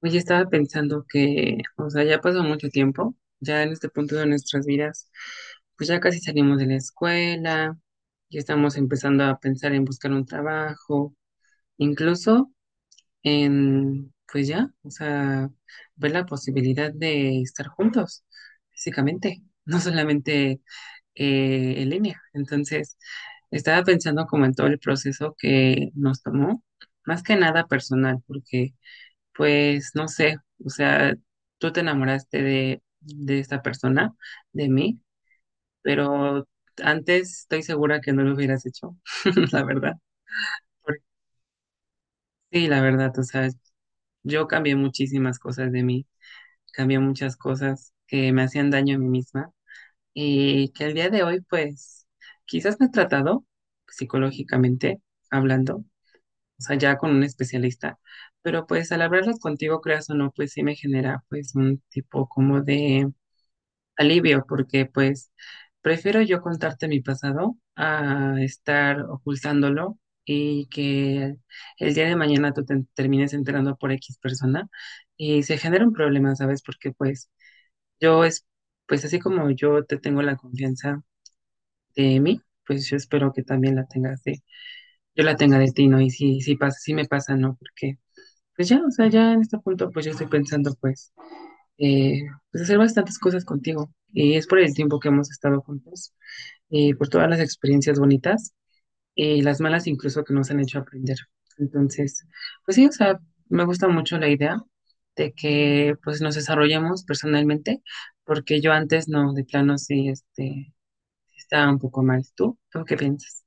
Oye, estaba pensando que, o sea, ya pasó mucho tiempo, ya en este punto de nuestras vidas, pues ya casi salimos de la escuela, ya estamos empezando a pensar en buscar un trabajo, incluso en, pues ya, o sea, ver la posibilidad de estar juntos físicamente, no solamente en línea. Entonces, estaba pensando como en todo el proceso que nos tomó, más que nada personal, porque pues no sé, o sea, tú te enamoraste de esta persona, de mí, pero antes estoy segura que no lo hubieras hecho, la verdad. Porque sí, la verdad, o sea, yo cambié muchísimas cosas de mí, cambié muchas cosas que me hacían daño a mí misma y que al día de hoy, pues, quizás me he tratado psicológicamente hablando, o sea, ya con un especialista. Pero pues al hablarlo contigo, creas o no, pues sí me genera pues un tipo como de alivio, porque pues prefiero yo contarte mi pasado a estar ocultándolo y que el día de mañana tú te termines enterando por X persona y se genera un problema, ¿sabes? Porque pues yo es, pues así como yo te tengo la confianza de mí, pues yo espero que también la tengas de, yo la tenga de ti, ¿no? Y si, si pasa, si me pasa, ¿no? Porque pues ya, o sea, ya en este punto pues yo estoy pensando pues, eh, pues hacer bastantes cosas contigo. Y es por el tiempo que hemos estado juntos por todas las experiencias bonitas y las malas incluso que nos han hecho aprender. Entonces, pues sí, o sea, me gusta mucho la idea de que pues nos desarrollemos personalmente, porque yo antes no, de plano sí, este, estaba un poco mal. ¿Tú? ¿Tú qué piensas?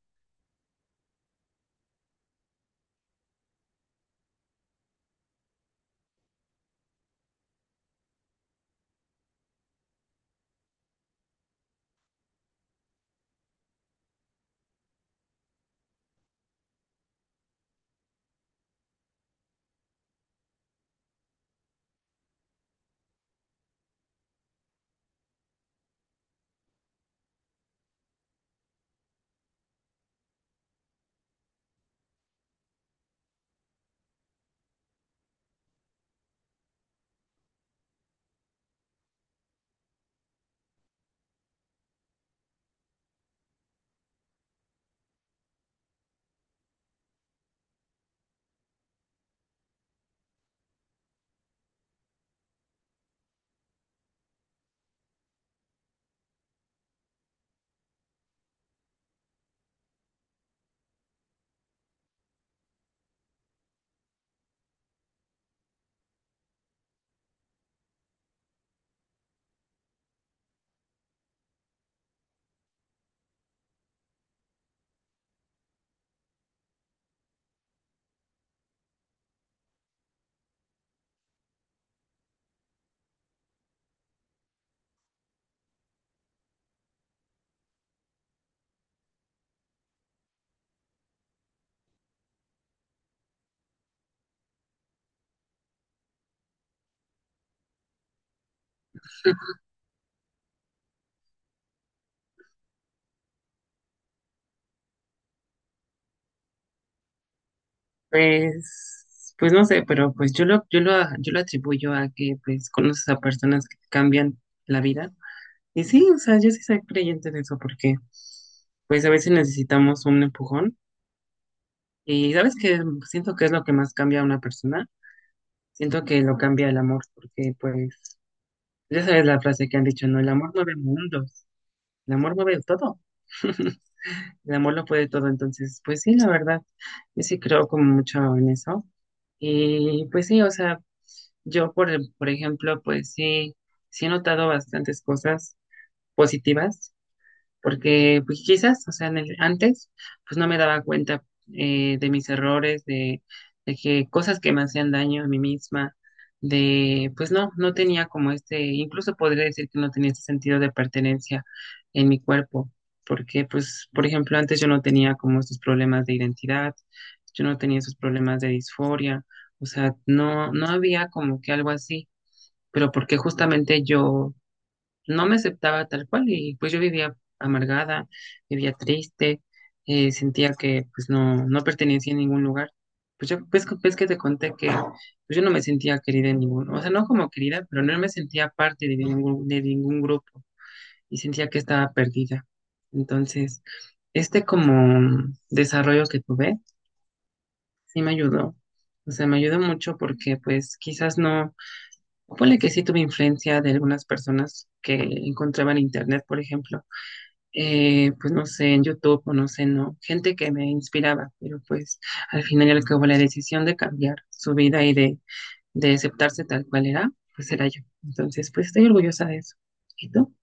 Pues, pues no sé, pero pues yo lo atribuyo a que pues conoces a personas que te cambian la vida. Y sí, o sea, yo sí soy creyente de eso porque pues a veces necesitamos un empujón. Y sabes que siento que es lo que más cambia a una persona. Siento que lo cambia el amor, porque pues, ya sabes la frase que han dicho, ¿no? El amor mueve mundos, el amor mueve todo. El amor lo puede todo, entonces, pues sí, la verdad, yo sí creo como mucho en eso. Y pues sí, o sea, yo por ejemplo, pues sí, sí he notado bastantes cosas positivas porque pues quizás, o sea, en el, antes, pues no me daba cuenta de mis errores, de que cosas que me hacían daño a mí misma, de, pues no, no tenía como este, incluso podría decir que no tenía este sentido de pertenencia en mi cuerpo, porque pues, por ejemplo, antes yo no tenía como estos problemas de identidad, yo no tenía esos problemas de disforia, o sea, no, no había como que algo así, pero porque justamente yo no me aceptaba tal cual y pues yo vivía amargada, vivía triste, sentía que pues no, no pertenecía a ningún lugar. Pues yo, pues que te conté que pues, yo no me sentía querida en ningún, o sea, no como querida, pero no me sentía parte de ningún grupo y sentía que estaba perdida. Entonces, este como desarrollo que tuve, sí me ayudó. O sea, me ayudó mucho porque pues quizás no, ponle que sí tuve influencia de algunas personas que encontraba en internet, por ejemplo, pues no sé, en YouTube o no sé, no, gente que me inspiraba, pero pues al final y al cabo la decisión de cambiar su vida y de aceptarse tal cual era, pues era yo. Entonces, pues estoy orgullosa de eso. ¿Y tú?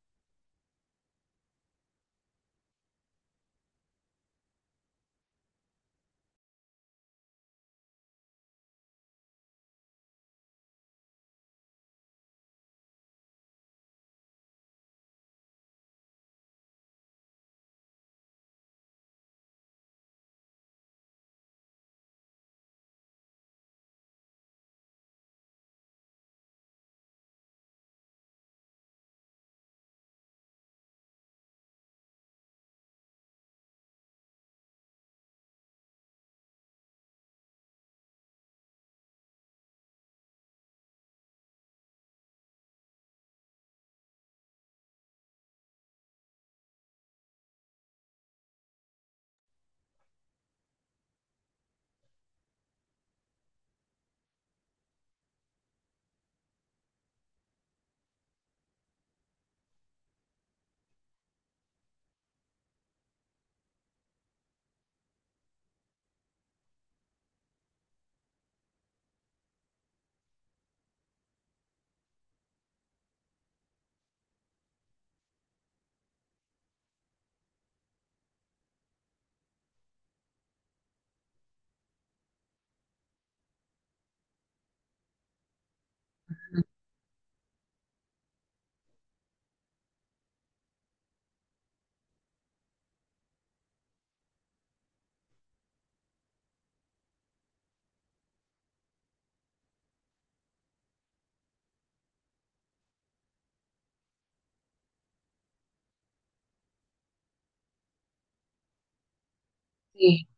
Sí,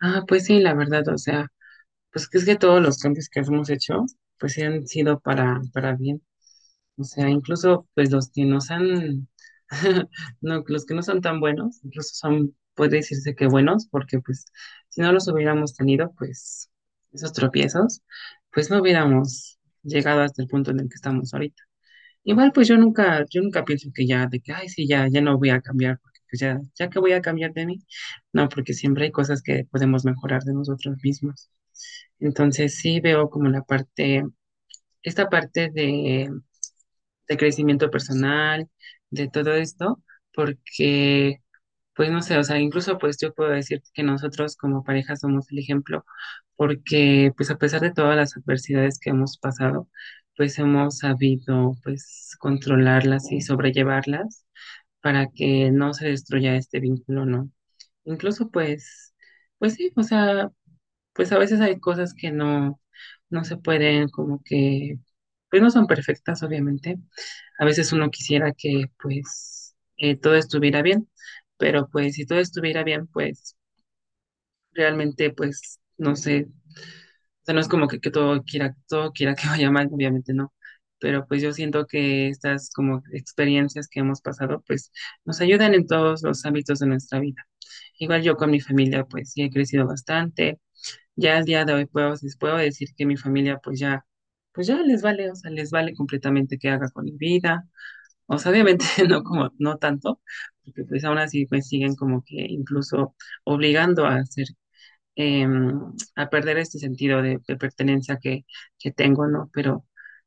ah, pues sí, la verdad, o sea, pues que es que todos los cambios que hemos hecho, pues sí han sido para bien. O sea, incluso pues los que no son, no, los que no son tan buenos, incluso son, puede decirse que buenos, porque pues si no los hubiéramos tenido, pues esos tropiezos, pues no hubiéramos llegado hasta el punto en el que estamos ahorita. Igual pues yo nunca pienso que ya, de que, ay, sí, ya, ya no voy a cambiar, porque pues ya, ya que voy a cambiar de mí, no, porque siempre hay cosas que podemos mejorar de nosotros mismos. Entonces sí veo como la parte, esta parte de crecimiento personal, de todo esto, porque, pues no sé, o sea, incluso pues yo puedo decir que nosotros como pareja somos el ejemplo, porque pues a pesar de todas las adversidades que hemos pasado, pues hemos sabido pues controlarlas y sobrellevarlas para que no se destruya este vínculo, ¿no? Incluso pues, pues sí, o sea, pues a veces hay cosas que no, no se pueden, como que, pues no son perfectas, obviamente. A veces uno quisiera que, pues, todo estuviera bien, pero pues si todo estuviera bien, pues realmente, pues, no sé, o sea, no es como que todo quiera que vaya mal, obviamente no. Pero pues yo siento que estas como experiencias que hemos pasado, pues nos ayudan en todos los ámbitos de nuestra vida. Igual yo con mi familia, pues sí he crecido bastante ya al día de hoy puedo, les puedo decir que mi familia pues ya les vale, o sea, les vale completamente qué haga con mi vida. O sea, obviamente no como, no tanto, porque pues aún así pues siguen como que incluso obligando a hacer, a perder este sentido de pertenencia que tengo, ¿no? Pero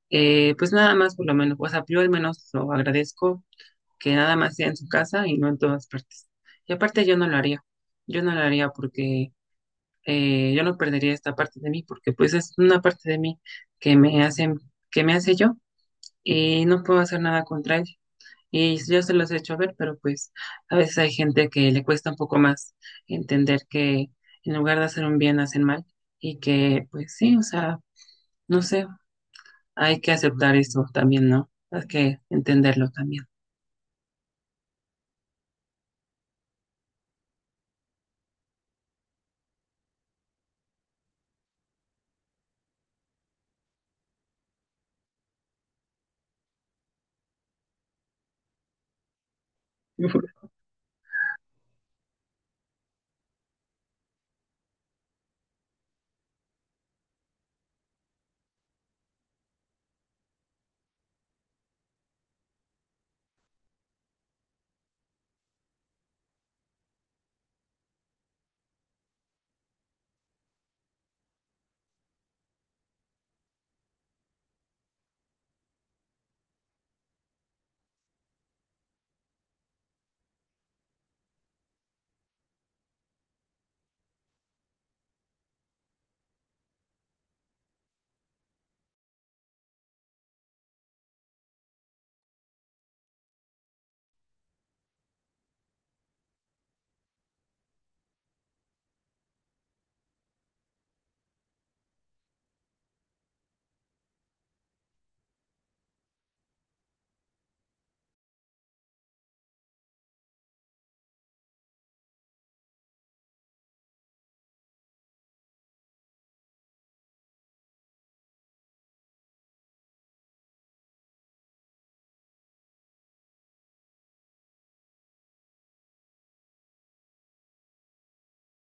pues nada más por lo menos, o sea, yo al menos lo agradezco que nada más sea en su casa y no en todas partes. Y aparte yo no lo haría porque yo no perdería esta parte de mí porque pues es una parte de mí que me hace, que me hace yo y no puedo hacer nada contra ella. Y yo se los he hecho ver, pero pues a veces hay gente que le cuesta un poco más entender que en lugar de hacer un bien hacen mal y que pues sí, o sea, no sé, hay que aceptar eso también, ¿no? Hay que entenderlo también.